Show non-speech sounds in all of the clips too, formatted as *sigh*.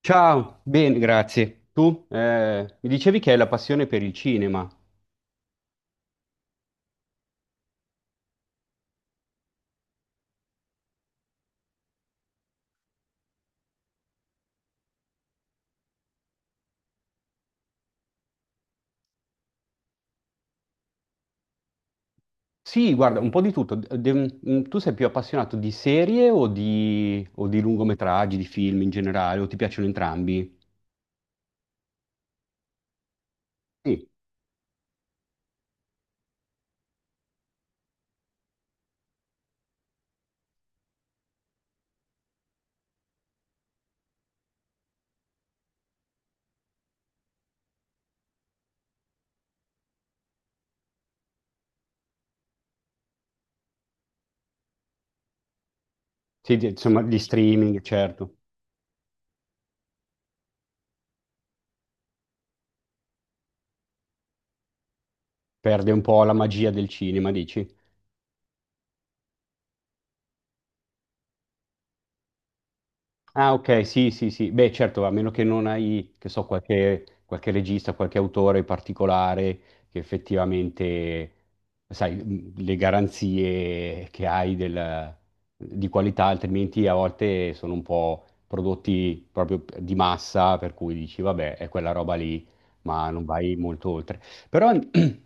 Ciao, bene, grazie. Tu mi dicevi che hai la passione per il cinema. Sì, guarda, un po' di tutto. Tu sei più appassionato di serie o di lungometraggi, di film in generale, o ti piacciono entrambi? Sì. Sì, insomma, di streaming, certo. Perde un po' la magia del cinema, dici? Ah, ok, sì, sì, sì. Beh, certo, a meno che non hai, che so, qualche regista, qualche autore particolare che effettivamente, sai, le garanzie di qualità, altrimenti a volte sono un po' prodotti proprio di massa, per cui dici, vabbè, è quella roba lì, ma non vai molto oltre. Però *clears throat*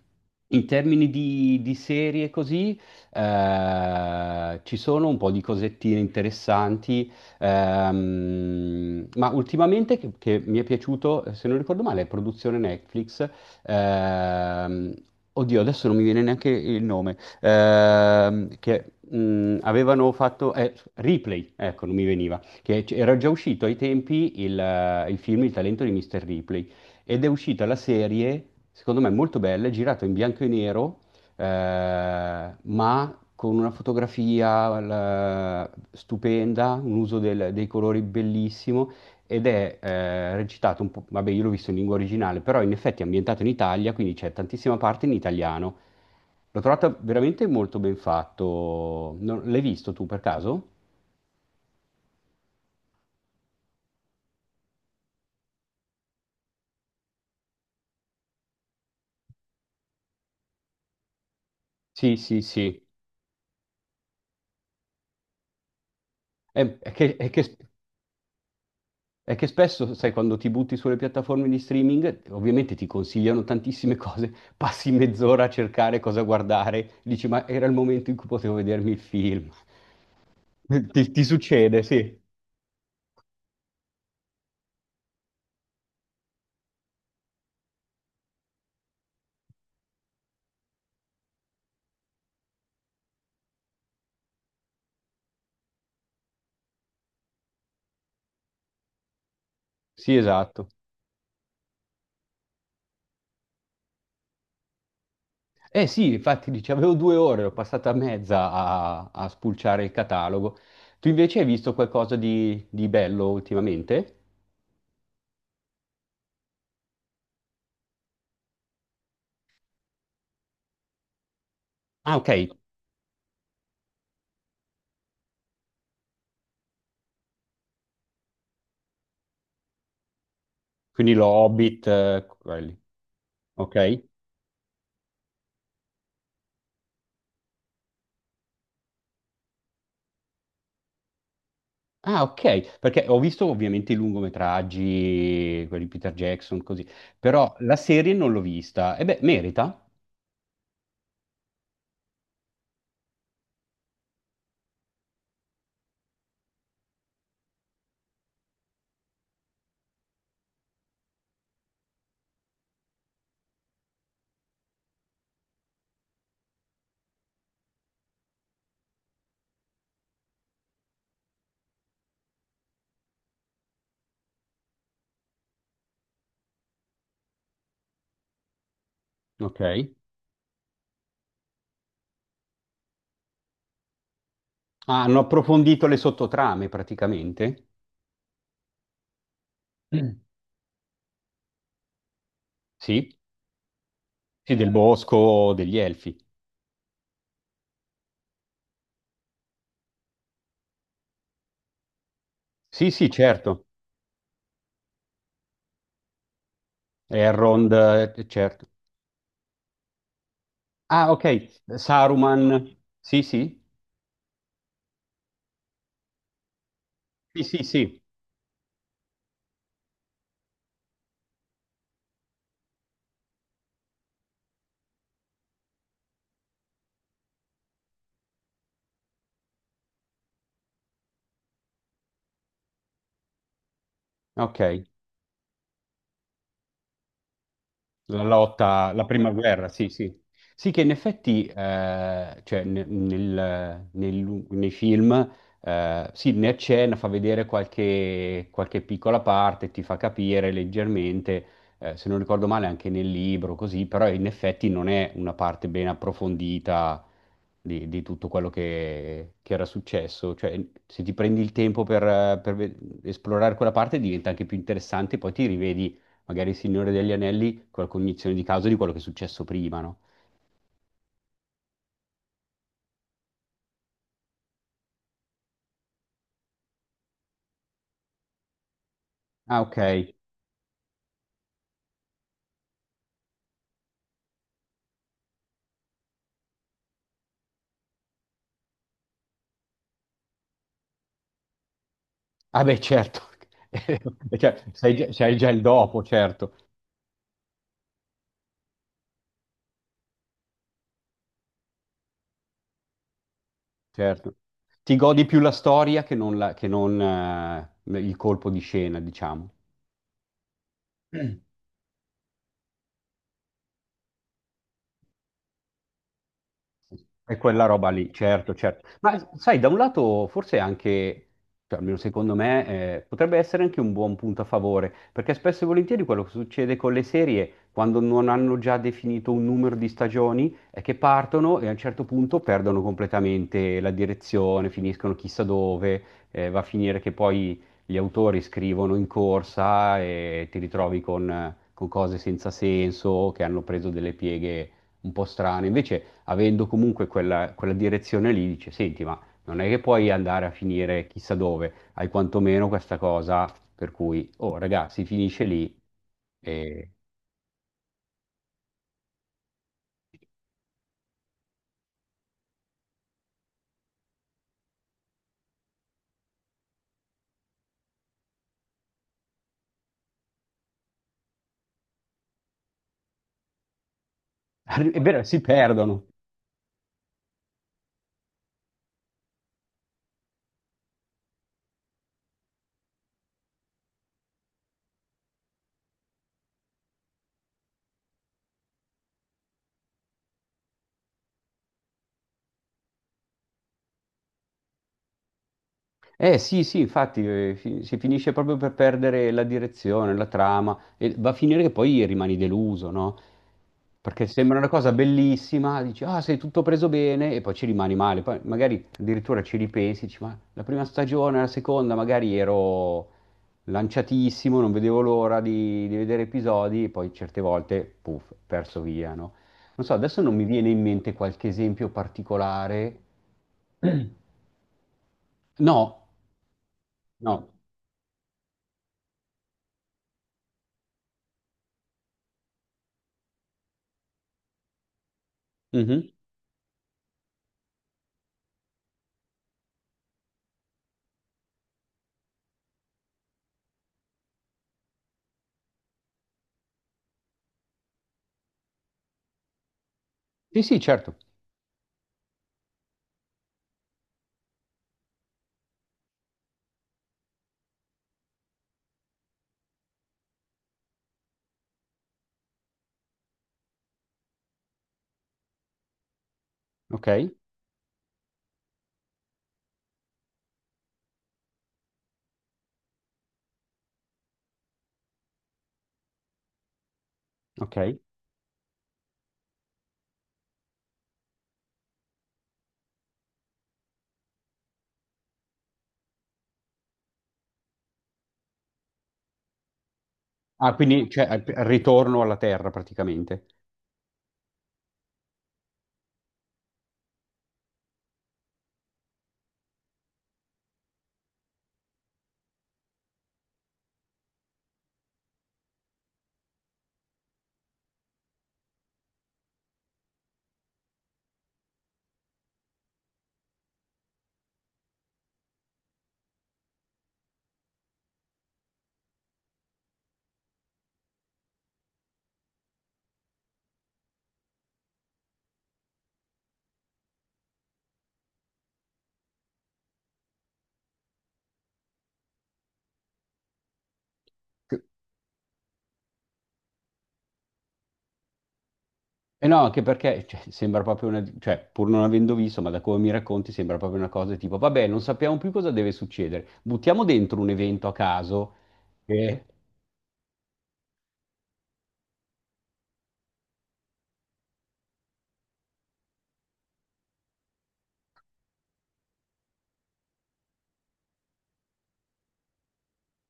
in termini di serie così, ci sono un po' di cosettine interessanti. Ma ultimamente che mi è piaciuto, se non ricordo male, è produzione Netflix. ehm, Oddio, adesso non mi viene neanche il nome. Che avevano fatto Ripley, ecco, non mi veniva, che era già uscito ai tempi il film Il talento di Mr. Ripley, ed è uscita la serie, secondo me molto bella, è girata in bianco e nero, ma con una fotografia stupenda, un uso dei colori bellissimo, ed è recitato un po', vabbè, io l'ho visto in lingua originale, però in effetti è ambientato in Italia, quindi c'è tantissima parte in italiano. L'ho trovato veramente molto ben fatto. L'hai visto tu per caso? Sì, sì, sì. È che è che spesso, sai, quando ti butti sulle piattaforme di streaming, ovviamente ti consigliano tantissime cose, *laughs* passi mezz'ora a cercare cosa guardare, dici, ma era il momento in cui potevo vedermi il film. *laughs* Ti succede, sì. Sì, esatto. Eh sì, infatti dici, avevo due ore, l'ho passata mezza a spulciare il catalogo. Tu invece hai visto qualcosa di bello ultimamente? Ah, ok, quindi lo Hobbit, quelli. Ok. Ah, ok, perché ho visto ovviamente i lungometraggi, quelli di Peter Jackson, così, però la serie non l'ho vista. E beh, merita. Ok. Ah, hanno approfondito le sottotrame praticamente. *clears throat* Mm. Sì, sì, del bosco, degli elfi. Sì, sì, certo. Elrond, certo. Ah, ok. Saruman. Sì, sì. Sì, sì, sì. Ok. La lotta, la prima guerra, sì, sì. Sì, che in effetti, cioè, nei film, sì, ne accenna, fa vedere qualche piccola parte, ti fa capire leggermente, se non ricordo male anche nel libro, così, però in effetti non è una parte ben approfondita di tutto quello che era successo. Cioè, se ti prendi il tempo per esplorare quella parte, diventa anche più interessante, poi ti rivedi magari il Signore degli Anelli con la cognizione di causa di quello che è successo prima, no? Ah, ok. Ah, beh, certo. *laughs* Cioè, sai già il dopo, certo, certo. Ti godi più la storia che non, il colpo di scena, diciamo. È quella roba lì, certo, certo. Ma sai, da un lato forse anche, cioè, almeno secondo me, potrebbe essere anche un buon punto a favore, perché spesso e volentieri quello che succede con le serie, quando non hanno già definito un numero di stagioni, è che partono e a un certo punto perdono completamente la direzione, finiscono chissà dove, va a finire che poi gli autori scrivono in corsa e ti ritrovi con cose senza senso, che hanno preso delle pieghe un po' strane. Invece avendo comunque quella direzione lì, dice, senti, ma non è che puoi andare a finire chissà dove, hai quantomeno questa cosa per cui, oh ragazzi, finisce lì e, *laughs* è vero, si perdono. Eh sì, sì, infatti si finisce proprio per perdere la direzione, la trama, e va a finire che poi rimani deluso, no? Perché sembra una cosa bellissima, dici, ah, sei tutto preso bene, e poi ci rimani male. Poi magari addirittura ci ripensi, dici, ma la prima stagione, la seconda, magari ero lanciatissimo, non vedevo l'ora di vedere episodi, e poi certe volte, puff, perso via, no? Non so, adesso non mi viene in mente qualche esempio particolare. *clears throat* No, no. Mhm. Sì, sì, certo. Ok, ok. Ah, quindi cioè, al ritorno alla Terra praticamente. E no, anche perché cioè, sembra proprio una... cioè, pur non avendo visto, ma da come mi racconti, sembra proprio una cosa tipo, vabbè, non sappiamo più cosa deve succedere. Buttiamo dentro un evento a caso e...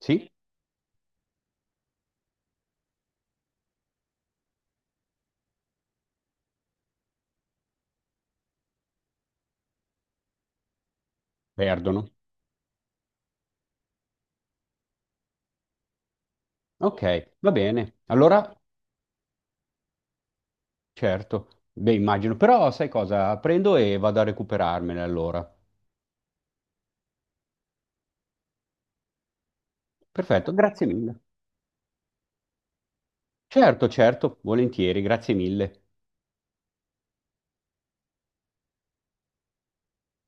Sì, perdono. Ok, va bene. Allora, certo. Beh, immagino. Però sai cosa? Prendo e vado a recuperarmene allora. Perfetto, grazie mille. Certo, certo, volentieri, grazie mille.